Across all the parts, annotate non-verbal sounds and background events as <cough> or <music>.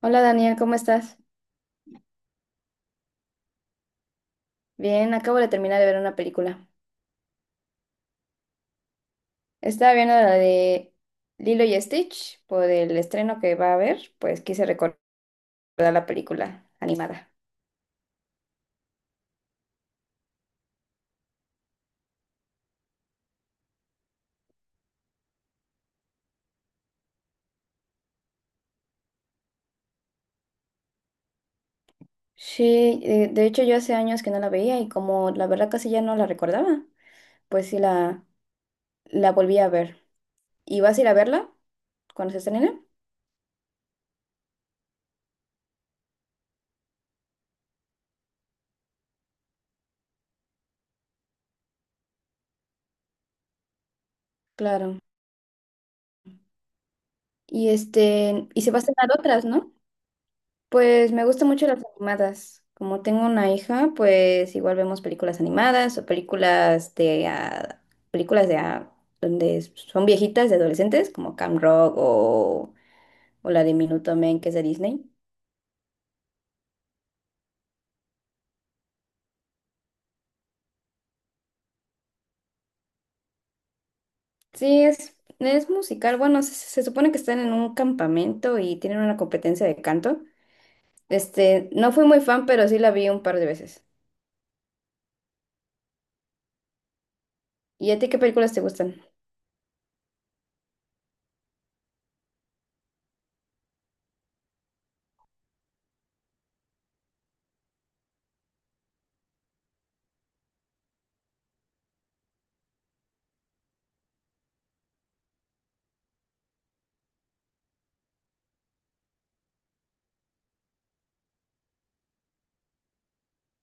Hola Daniel, ¿cómo estás? Bien, acabo de terminar de ver una película. Estaba viendo la de Lilo y Stitch por el estreno que va a haber, pues quise recordar la película animada. Sí, de hecho yo hace años que no la veía y como la verdad casi ya no la recordaba, pues sí la volví a ver. ¿Y vas a ir a verla cuando se estrene? Claro. Y este, y se va a estrenar otras, ¿no? Pues me gustan mucho las animadas. Como tengo una hija, pues igual vemos películas animadas o películas de donde son viejitas de adolescentes, como Camp Rock o la de Minutemen, que es de Disney. Sí, es musical. Bueno, se supone que están en un campamento y tienen una competencia de canto. Este, no fui muy fan, pero sí la vi un par de veces. ¿Y a ti qué películas te gustan?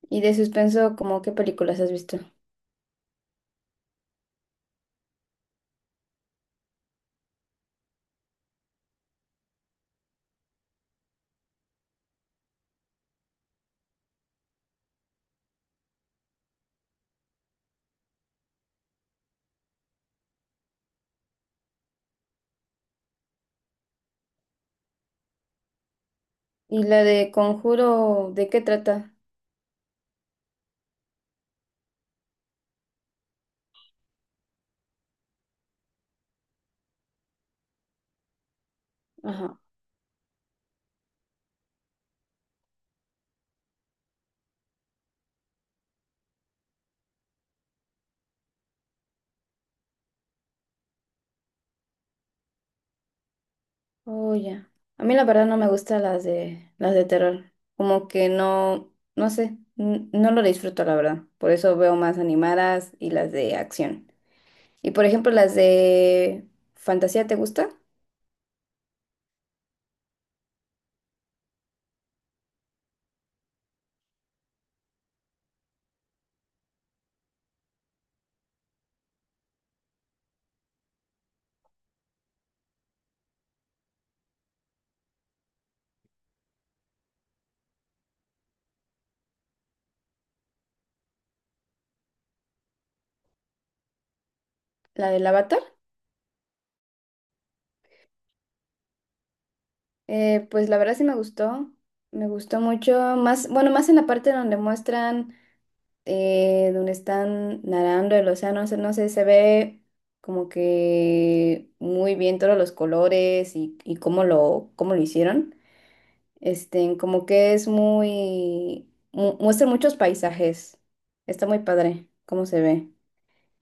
Y de suspenso, ¿cómo qué películas has visto? ¿Y la de Conjuro, de qué trata? Ajá. Oh, ya. A mí la verdad no me gustan las de terror. Como que no, no sé, no lo disfruto la verdad. Por eso veo más animadas y las de acción. Y por ejemplo, las de fantasía, ¿te gusta? La del Avatar. Pues la verdad sí me gustó mucho, más, bueno, más en la parte donde muestran, donde están nadando el océano, o sea, no sé, se ve como que muy bien todos los colores y cómo lo hicieron. Este, como que es muestra muchos paisajes, está muy padre cómo se ve.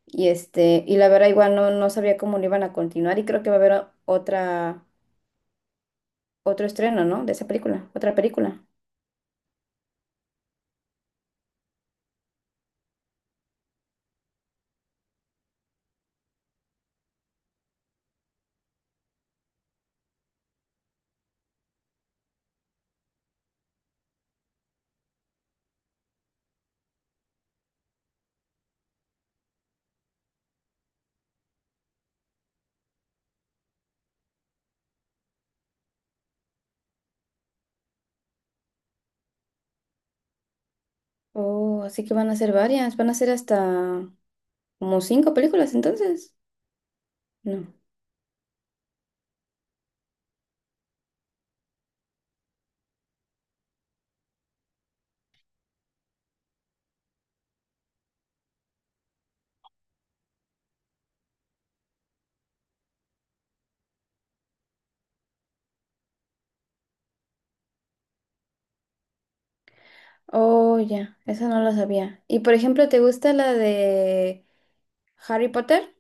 Y este, y la verdad igual no, no sabía cómo lo iban a continuar y creo que va a haber otro estreno, ¿no? De esa película, otra película. Oh, así que van a ser varias, van a ser hasta como cinco películas entonces. No. Oh, ya, esa no la sabía. Y por ejemplo, ¿te gusta la de Harry Potter?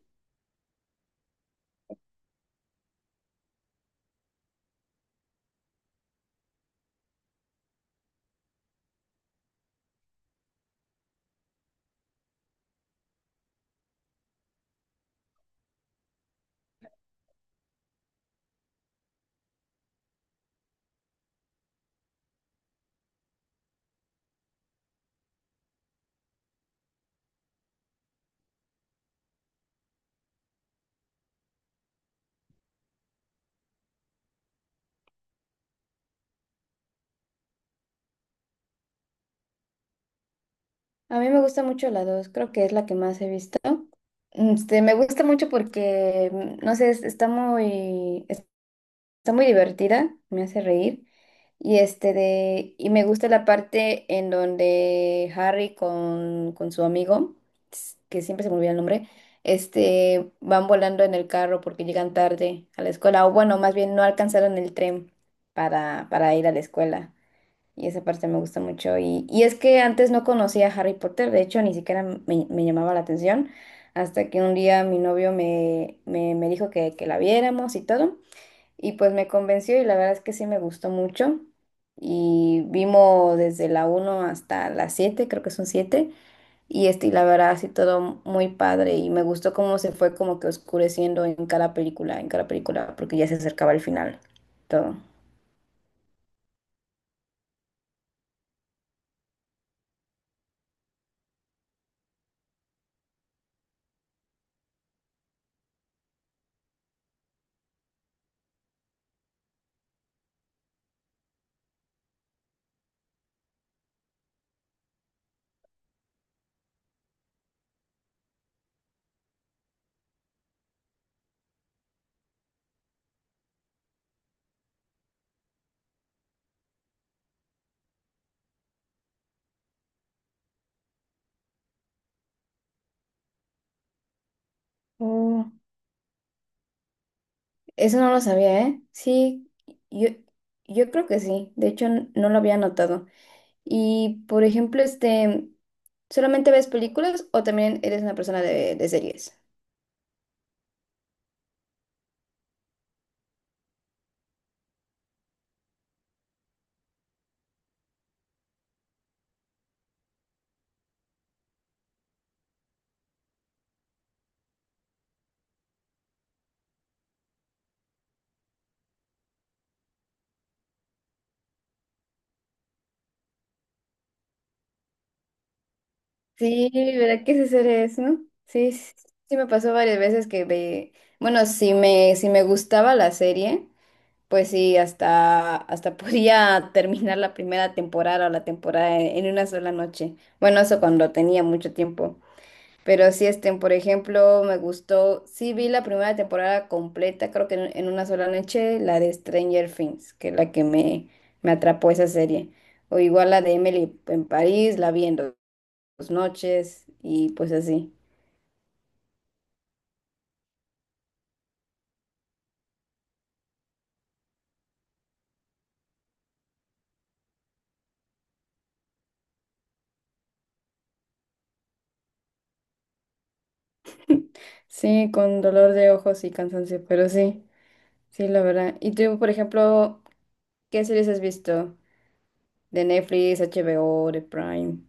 A mí me gusta mucho la dos, creo que es la que más he visto. Este, me gusta mucho porque, no sé, está muy divertida, me hace reír. Y me gusta la parte en donde Harry con su amigo, que siempre se me olvida el nombre, este, van volando en el carro porque llegan tarde a la escuela, o bueno, más bien no alcanzaron el tren para ir a la escuela. Y esa parte me gusta mucho. Y es que antes no conocía a Harry Potter, de hecho, ni siquiera me, me llamaba la atención, hasta que un día mi novio me dijo que la viéramos y todo. Y pues me convenció y la verdad es que sí me gustó mucho. Y vimos desde la uno hasta la siete, creo que son siete. Y este, y la verdad, sí, todo muy padre. Y me gustó cómo se fue como que oscureciendo en cada película, porque ya se acercaba el final. Todo. Oh, eso no lo sabía, ¿eh? Sí, yo, yo creo que sí. De hecho, no lo había notado. Y, por ejemplo, este, ¿solamente ves películas o también eres una persona de series? Sí, ¿verdad que ese ser es, no? Sí, sí, sí me pasó varias veces que ve, bueno, si me gustaba la serie, pues sí, hasta <laughs> podía terminar la primera temporada o la temporada en una sola noche. Bueno, eso cuando tenía mucho tiempo. Pero sí, este, por ejemplo, me gustó, sí vi la primera temporada completa, creo que en una sola noche, la de Stranger Things, que es la que me atrapó esa serie. O igual la de Emily en París, la vi en las noches y pues así. Sí, con dolor de ojos y cansancio, pero sí, sí, la verdad. ¿Y tú, por ejemplo, qué series has visto? De Netflix, HBO, de Prime.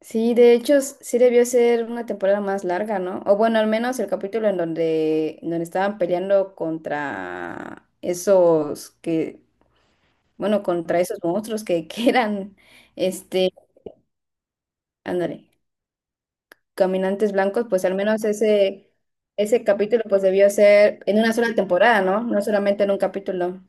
Sí, de hecho, sí debió ser una temporada más larga, ¿no? O bueno, al menos el capítulo en donde estaban peleando contra esos que, bueno, contra esos monstruos que, <laughs> que eran, este, ándale. Caminantes Blancos, pues al menos ese capítulo pues debió ser en una sola temporada, ¿no? No solamente en un capítulo.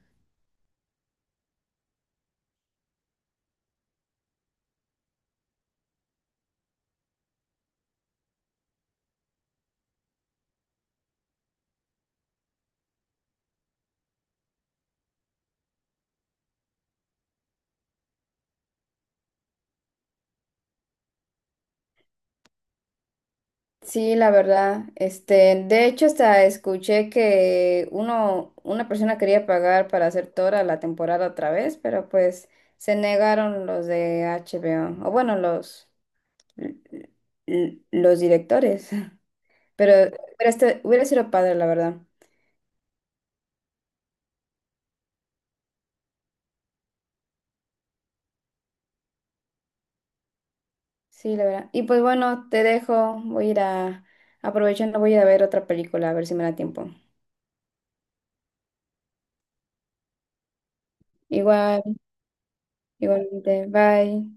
Sí, la verdad. Este, de hecho, hasta escuché que uno, una persona quería pagar para hacer toda la temporada otra vez, pero pues se negaron los de HBO, o bueno, l- los directores. <laughs> Pero hubiera sido padre, la verdad. Sí, la verdad. Y pues bueno, te dejo. Voy a ir a, aprovechando, voy a ir a ver otra película, a ver si me da tiempo. Igual, igualmente. Bye.